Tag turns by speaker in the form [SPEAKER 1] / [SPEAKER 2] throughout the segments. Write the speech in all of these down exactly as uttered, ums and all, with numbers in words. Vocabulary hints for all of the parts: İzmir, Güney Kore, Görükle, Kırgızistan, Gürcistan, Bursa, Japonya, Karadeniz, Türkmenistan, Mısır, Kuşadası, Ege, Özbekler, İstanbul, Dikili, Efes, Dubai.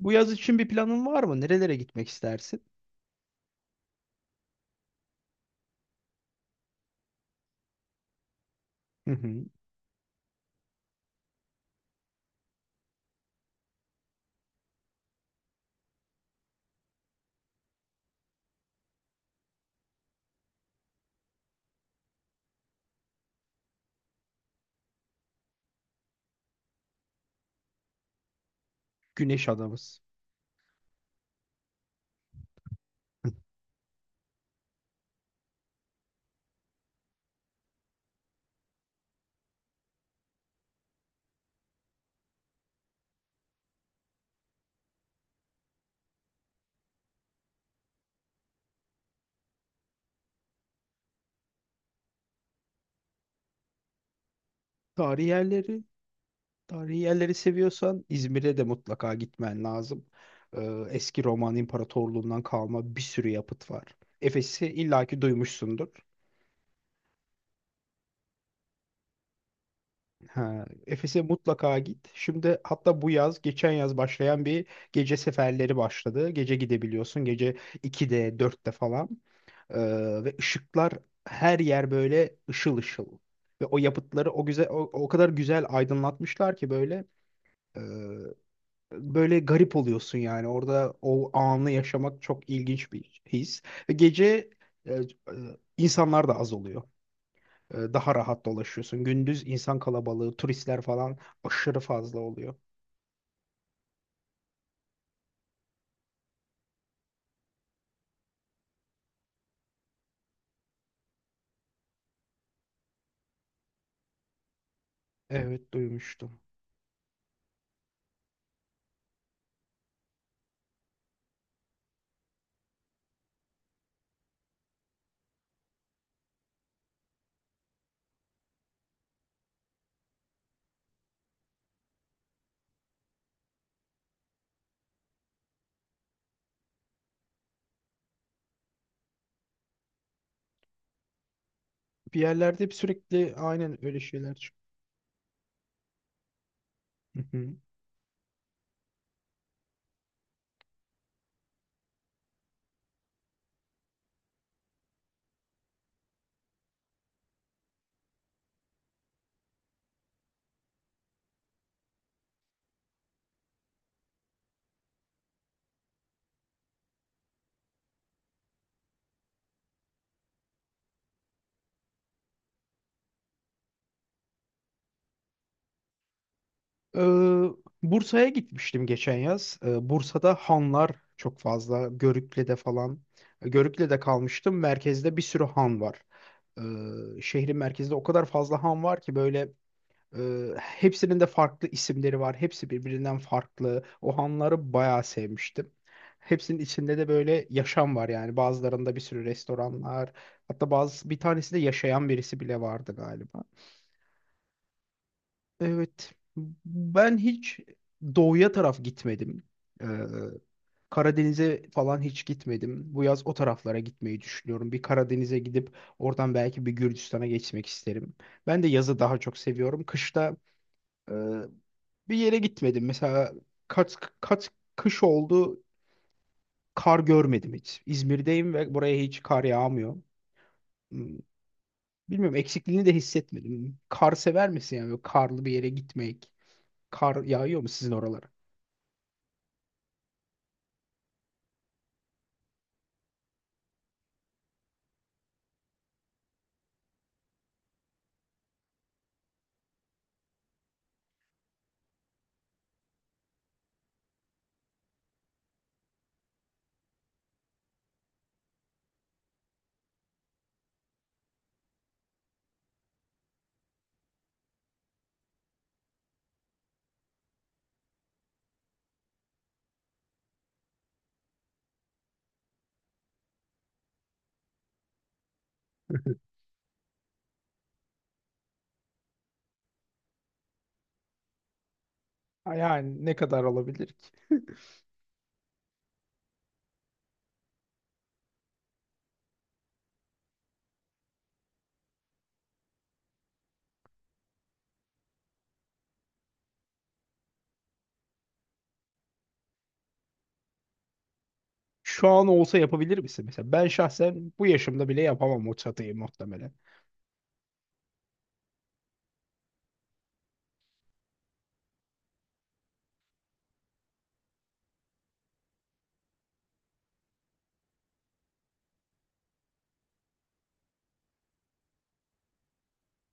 [SPEAKER 1] Bu yaz için bir planın var mı? Nerelere gitmek istersin? Hı hı. Güneş adamız. Tarihi yerleri, Tarihi yerleri seviyorsan İzmir'e de mutlaka gitmen lazım. Ee, eski Roman İmparatorluğundan kalma bir sürü yapıt var. Efes'i illaki duymuşsundur. Ha, Efes'e mutlaka git. Şimdi hatta bu yaz, geçen yaz başlayan bir gece seferleri başladı. Gece gidebiliyorsun. Gece ikide, dörtte falan. Ee, ve ışıklar her yer böyle ışıl ışıl. Ve o yapıtları o güzel o, o kadar güzel aydınlatmışlar ki böyle, e, böyle garip oluyorsun yani. Orada o anı yaşamak çok ilginç bir his. Ve gece e, e, insanlar da az oluyor. E, Daha rahat dolaşıyorsun. Gündüz insan kalabalığı, turistler falan aşırı fazla oluyor. Evet, duymuştum. Bir yerlerde hep sürekli aynen öyle şeyler çıkıyor. Hı hı. Ee, Bursa'ya gitmiştim geçen yaz. Ee, Bursa'da hanlar çok fazla. Görükle'de falan. Ee, Görükle'de kalmıştım. Merkezde bir sürü han var. Ee, şehrin merkezinde o kadar fazla han var ki böyle. Ee, hepsinin de farklı isimleri var. Hepsi birbirinden farklı. O hanları bayağı sevmiştim. Hepsinin içinde de böyle yaşam var yani. Bazılarında bir sürü restoranlar. Hatta bazı bir tanesinde yaşayan birisi bile vardı galiba. Evet. Ben hiç doğuya taraf gitmedim. Ee, Karadeniz'e falan hiç gitmedim. Bu yaz o taraflara gitmeyi düşünüyorum. Bir Karadeniz'e gidip oradan belki bir Gürcistan'a geçmek isterim. Ben de yazı daha çok seviyorum. Kışta bir yere gitmedim. Mesela kaç kaç kış oldu, kar görmedim hiç. İzmir'deyim ve buraya hiç kar yağmıyor. Hmm, Bilmiyorum, eksikliğini de hissetmedim. Kar sever misin, yani böyle karlı bir yere gitmek? Kar yağıyor mu sizin oralara? Ha, yani ne kadar olabilir ki? Şu an olsa yapabilir misin mesela? Ben şahsen bu yaşımda bile yapamam o çatıyı muhtemelen.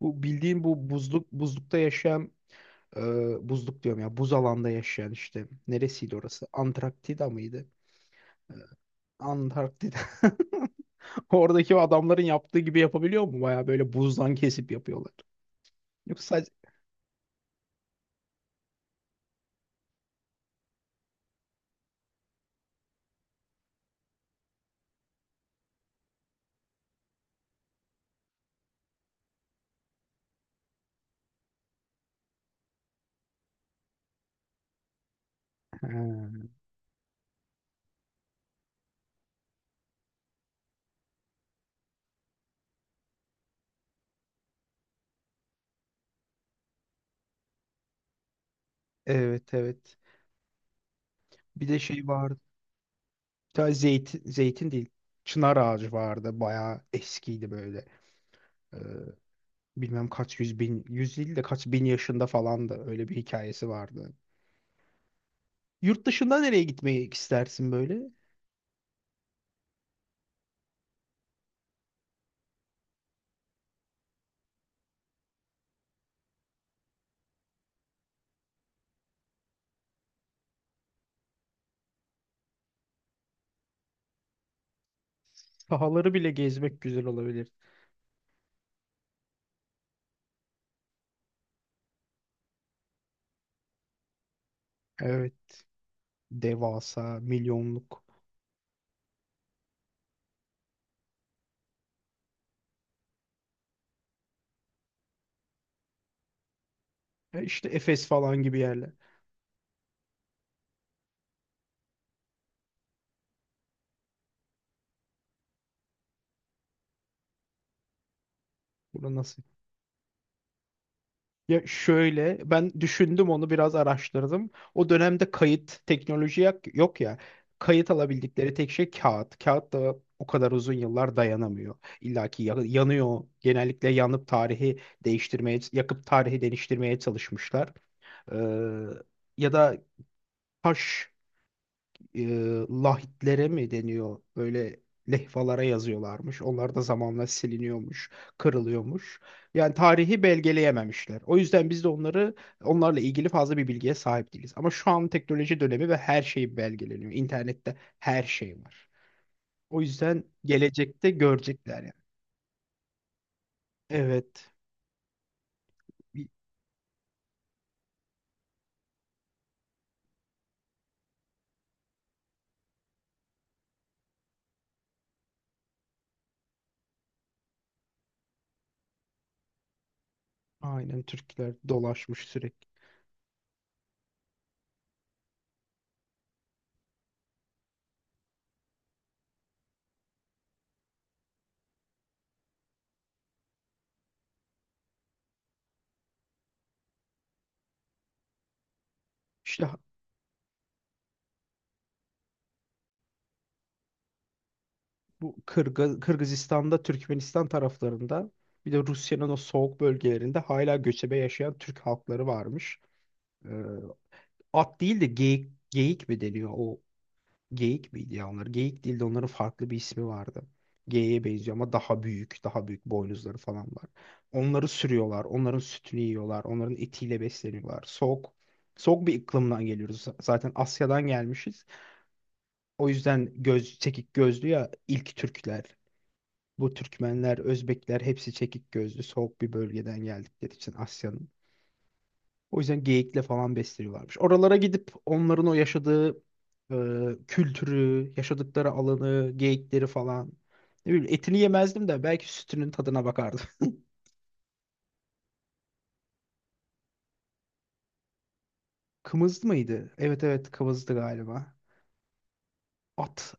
[SPEAKER 1] Bu bildiğim, bu buzluk buzlukta yaşayan, e, buzluk diyorum ya, buz alanda yaşayan işte, neresiydi orası? Antarktika mıydı? Antarktida. Oradaki o adamların yaptığı gibi yapabiliyor mu? Baya böyle buzdan kesip yapıyorlar. Yoksa sadece... Ha, evet evet. Bir de şey vardı. Bir tane zeytin, zeytin değil. Çınar ağacı vardı. Baya eskiydi böyle. Ee, bilmem kaç yüz bin, yüz değil de kaç bin yaşında falandı. Öyle bir hikayesi vardı. Yurt dışında nereye gitmeyi istersin böyle? Sahaları bile gezmek güzel olabilir. Evet. Devasa, milyonluk. E İşte Efes falan gibi yerler. Burada nasıl? Ya şöyle, ben düşündüm, onu biraz araştırdım. O dönemde kayıt teknoloji yak- yok ya. Kayıt alabildikleri tek şey kağıt. Kağıt da o kadar uzun yıllar dayanamıyor. İlla ki ya- yanıyor. Genellikle yanıp tarihi değiştirmeye, yakıp tarihi değiştirmeye çalışmışlar. Ee, ya da taş, e, lahitlere mi deniyor? Böyle lehvalara yazıyorlarmış. Onlar da zamanla siliniyormuş, kırılıyormuş. Yani tarihi belgeleyememişler. O yüzden biz de onları onlarla ilgili fazla bir bilgiye sahip değiliz. Ama şu an teknoloji dönemi ve her şey belgeleniyor. İnternette her şey var. O yüzden gelecekte görecekler yani. Evet. Bir- Aynen, Türkler dolaşmış sürekli. İşte bu Kırgı- Kırgızistan'da, Türkmenistan taraflarında, bir de Rusya'nın o soğuk bölgelerinde hala göçebe yaşayan Türk halkları varmış. Ee, at değil de geyik, geyik mi deniyor? O geyik miydi ya onlar? Geyik değil de onların farklı bir ismi vardı. Geyiğe benziyor ama daha büyük, daha büyük boynuzları falan var. Onları sürüyorlar, onların sütünü yiyorlar, onların etiyle besleniyorlar. Soğuk, soğuk bir iklimden geliyoruz. Zaten Asya'dan gelmişiz. O yüzden göz, çekik gözlü ya ilk Türkler. Bu Türkmenler, Özbekler hepsi çekik gözlü, soğuk bir bölgeden geldikleri için Asya'nın. O yüzden geyikle falan besleniyorlarmış. Oralara gidip onların o yaşadığı e, kültürü, yaşadıkları alanı, geyikleri falan. Ne bileyim, etini yemezdim de belki sütünün tadına bakardım. Kımız mıydı? Evet evet, kımızdı galiba. At,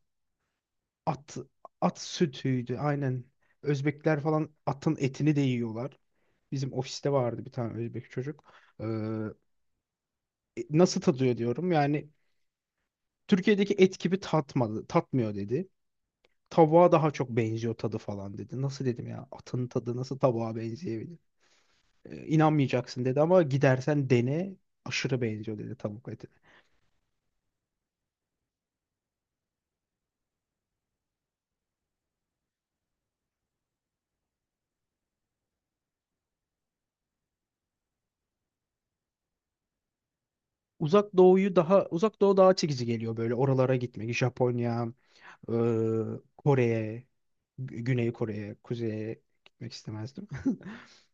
[SPEAKER 1] at, at sütüydü aynen. Özbekler falan atın etini de yiyorlar. Bizim ofiste vardı bir tane Özbek çocuk. Ee, e, nasıl tadıyor diyorum. Yani Türkiye'deki et gibi tatmadı, tatmıyor dedi. Tavuğa daha çok benziyor tadı falan dedi. Nasıl dedim ya? Atın tadı nasıl tavuğa benzeyebilir? E, inanmayacaksın dedi ama gidersen dene, aşırı benziyor dedi tavuk eti. Uzak doğuyu daha uzak doğu daha çekici geliyor, böyle oralara gitmek. Japonya, Ee, Kore'ye, Gü- Güney Kore'ye, Kuzey'e gitmek istemezdim.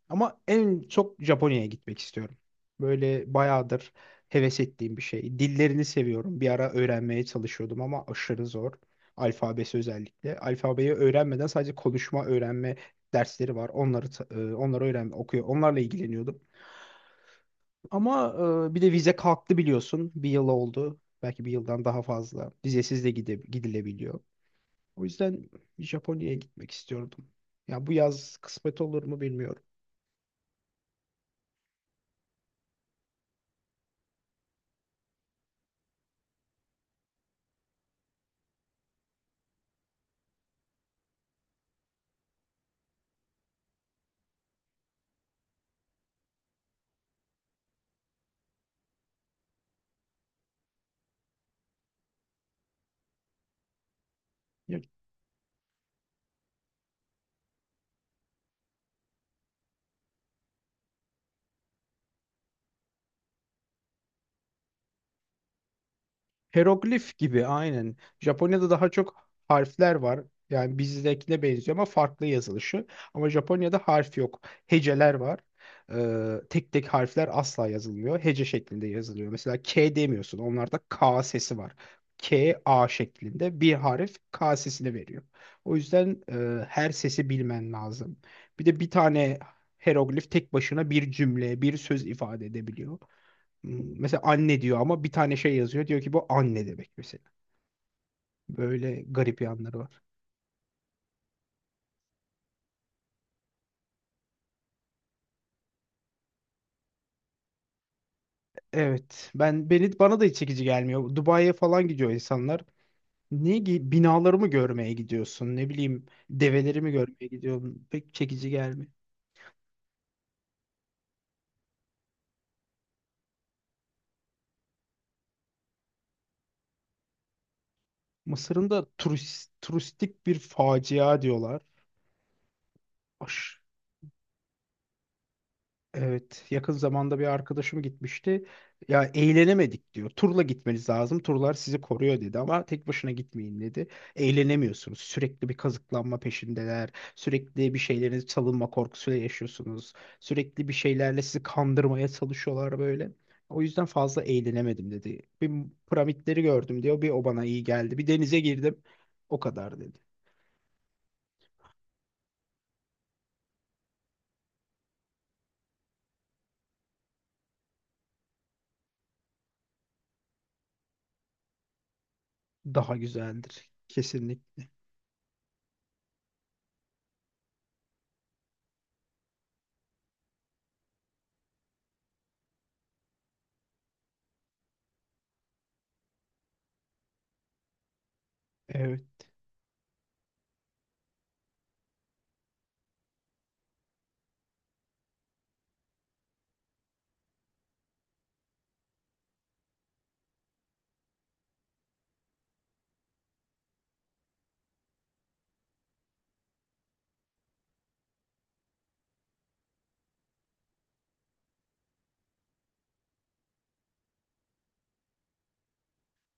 [SPEAKER 1] Ama en çok Japonya'ya gitmek istiyorum. Böyle bayağıdır heves ettiğim bir şey. Dillerini seviyorum. Bir ara öğrenmeye çalışıyordum ama aşırı zor. Alfabesi özellikle. Alfabeyi öğrenmeden sadece konuşma öğrenme dersleri var. Onları ta- e, onları öğren okuyor. Onlarla ilgileniyordum. Ama e, bir de vize kalktı, biliyorsun. Bir yıl oldu. Belki bir yıldan daha fazla. Vizesiz de gide gidilebiliyor. O yüzden Japonya'ya gitmek istiyordum. Ya bu yaz kısmet olur mu bilmiyorum. Ya, hieroglif gibi aynen. Japonya'da daha çok harfler var. Yani bizdekine benziyor ama farklı yazılışı. Ama Japonya'da harf yok. Heceler var. Ee, tek tek harfler asla yazılmıyor. Hece şeklinde yazılıyor. Mesela K demiyorsun. Onlarda K sesi var. K, A şeklinde bir harf K sesini veriyor. O yüzden e, her sesi bilmen lazım. Bir de bir tane hieroglif tek başına bir cümle, bir söz ifade edebiliyor. Mesela anne diyor ama bir tane şey yazıyor. Diyor ki bu anne demek mesela. Böyle garip yanları var. Evet. Ben beni bana da hiç çekici gelmiyor. Dubai'ye falan gidiyor insanlar. Ne gi- binalarımı görmeye gidiyorsun? Ne bileyim develerimi görmeye gidiyorum. Pek çekici gelmiyor. Mısır'ın da turist, turistik bir facia diyorlar. Aş- Evet, yakın zamanda bir arkadaşım gitmişti. Ya, eğlenemedik diyor. Turla gitmeniz lazım. Turlar sizi koruyor dedi ama tek başına gitmeyin dedi. Eğlenemiyorsunuz. Sürekli bir kazıklanma peşindeler. Sürekli bir şeylerin çalınma korkusuyla yaşıyorsunuz. Sürekli bir şeylerle sizi kandırmaya çalışıyorlar böyle. O yüzden fazla eğlenemedim dedi. Bir piramitleri gördüm diyor. Bir o bana iyi geldi. Bir denize girdim. O kadar dedi. Daha güzeldir. Kesinlikle. Evet.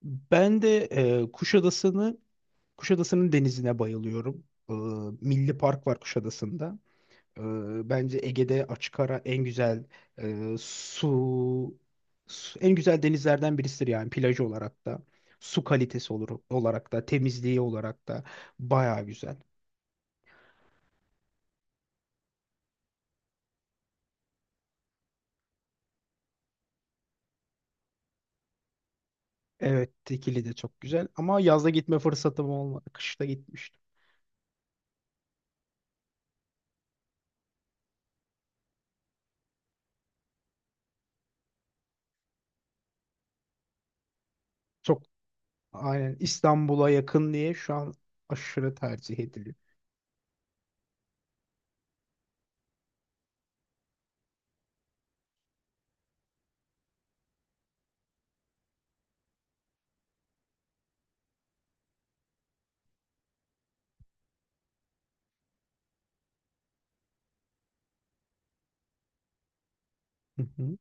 [SPEAKER 1] Ben de e, Kuşadası'nı Kuşadası'nın denizine bayılıyorum. Ee, Milli Park var Kuşadası'nda. Ee, bence Ege'de açık ara en güzel e, su, su- en güzel denizlerden birisidir, yani plajı olarak da. Su kalitesi olur, olarak da, temizliği olarak da baya güzel. Evet, Dikili de çok güzel ama yazda gitme fırsatım olmadı. Kışta gitmiştim. Çok aynen, İstanbul'a yakın diye şu an aşırı tercih ediliyor. Hı hı.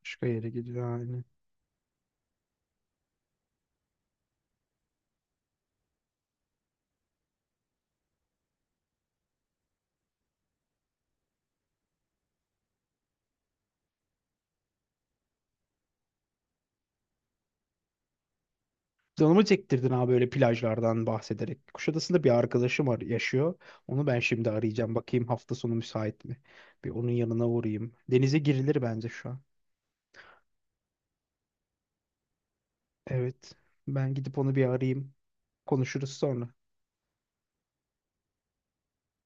[SPEAKER 1] Başka yere gidiyor yani. Canımı çektirdin abi böyle plajlardan bahsederek. Kuşadası'nda bir arkadaşım var, yaşıyor. Onu ben şimdi arayacağım. Bakayım hafta sonu müsait mi? Bir onun yanına uğrayayım. Denize girilir bence şu an. Evet. Ben gidip onu bir arayayım. Konuşuruz sonra.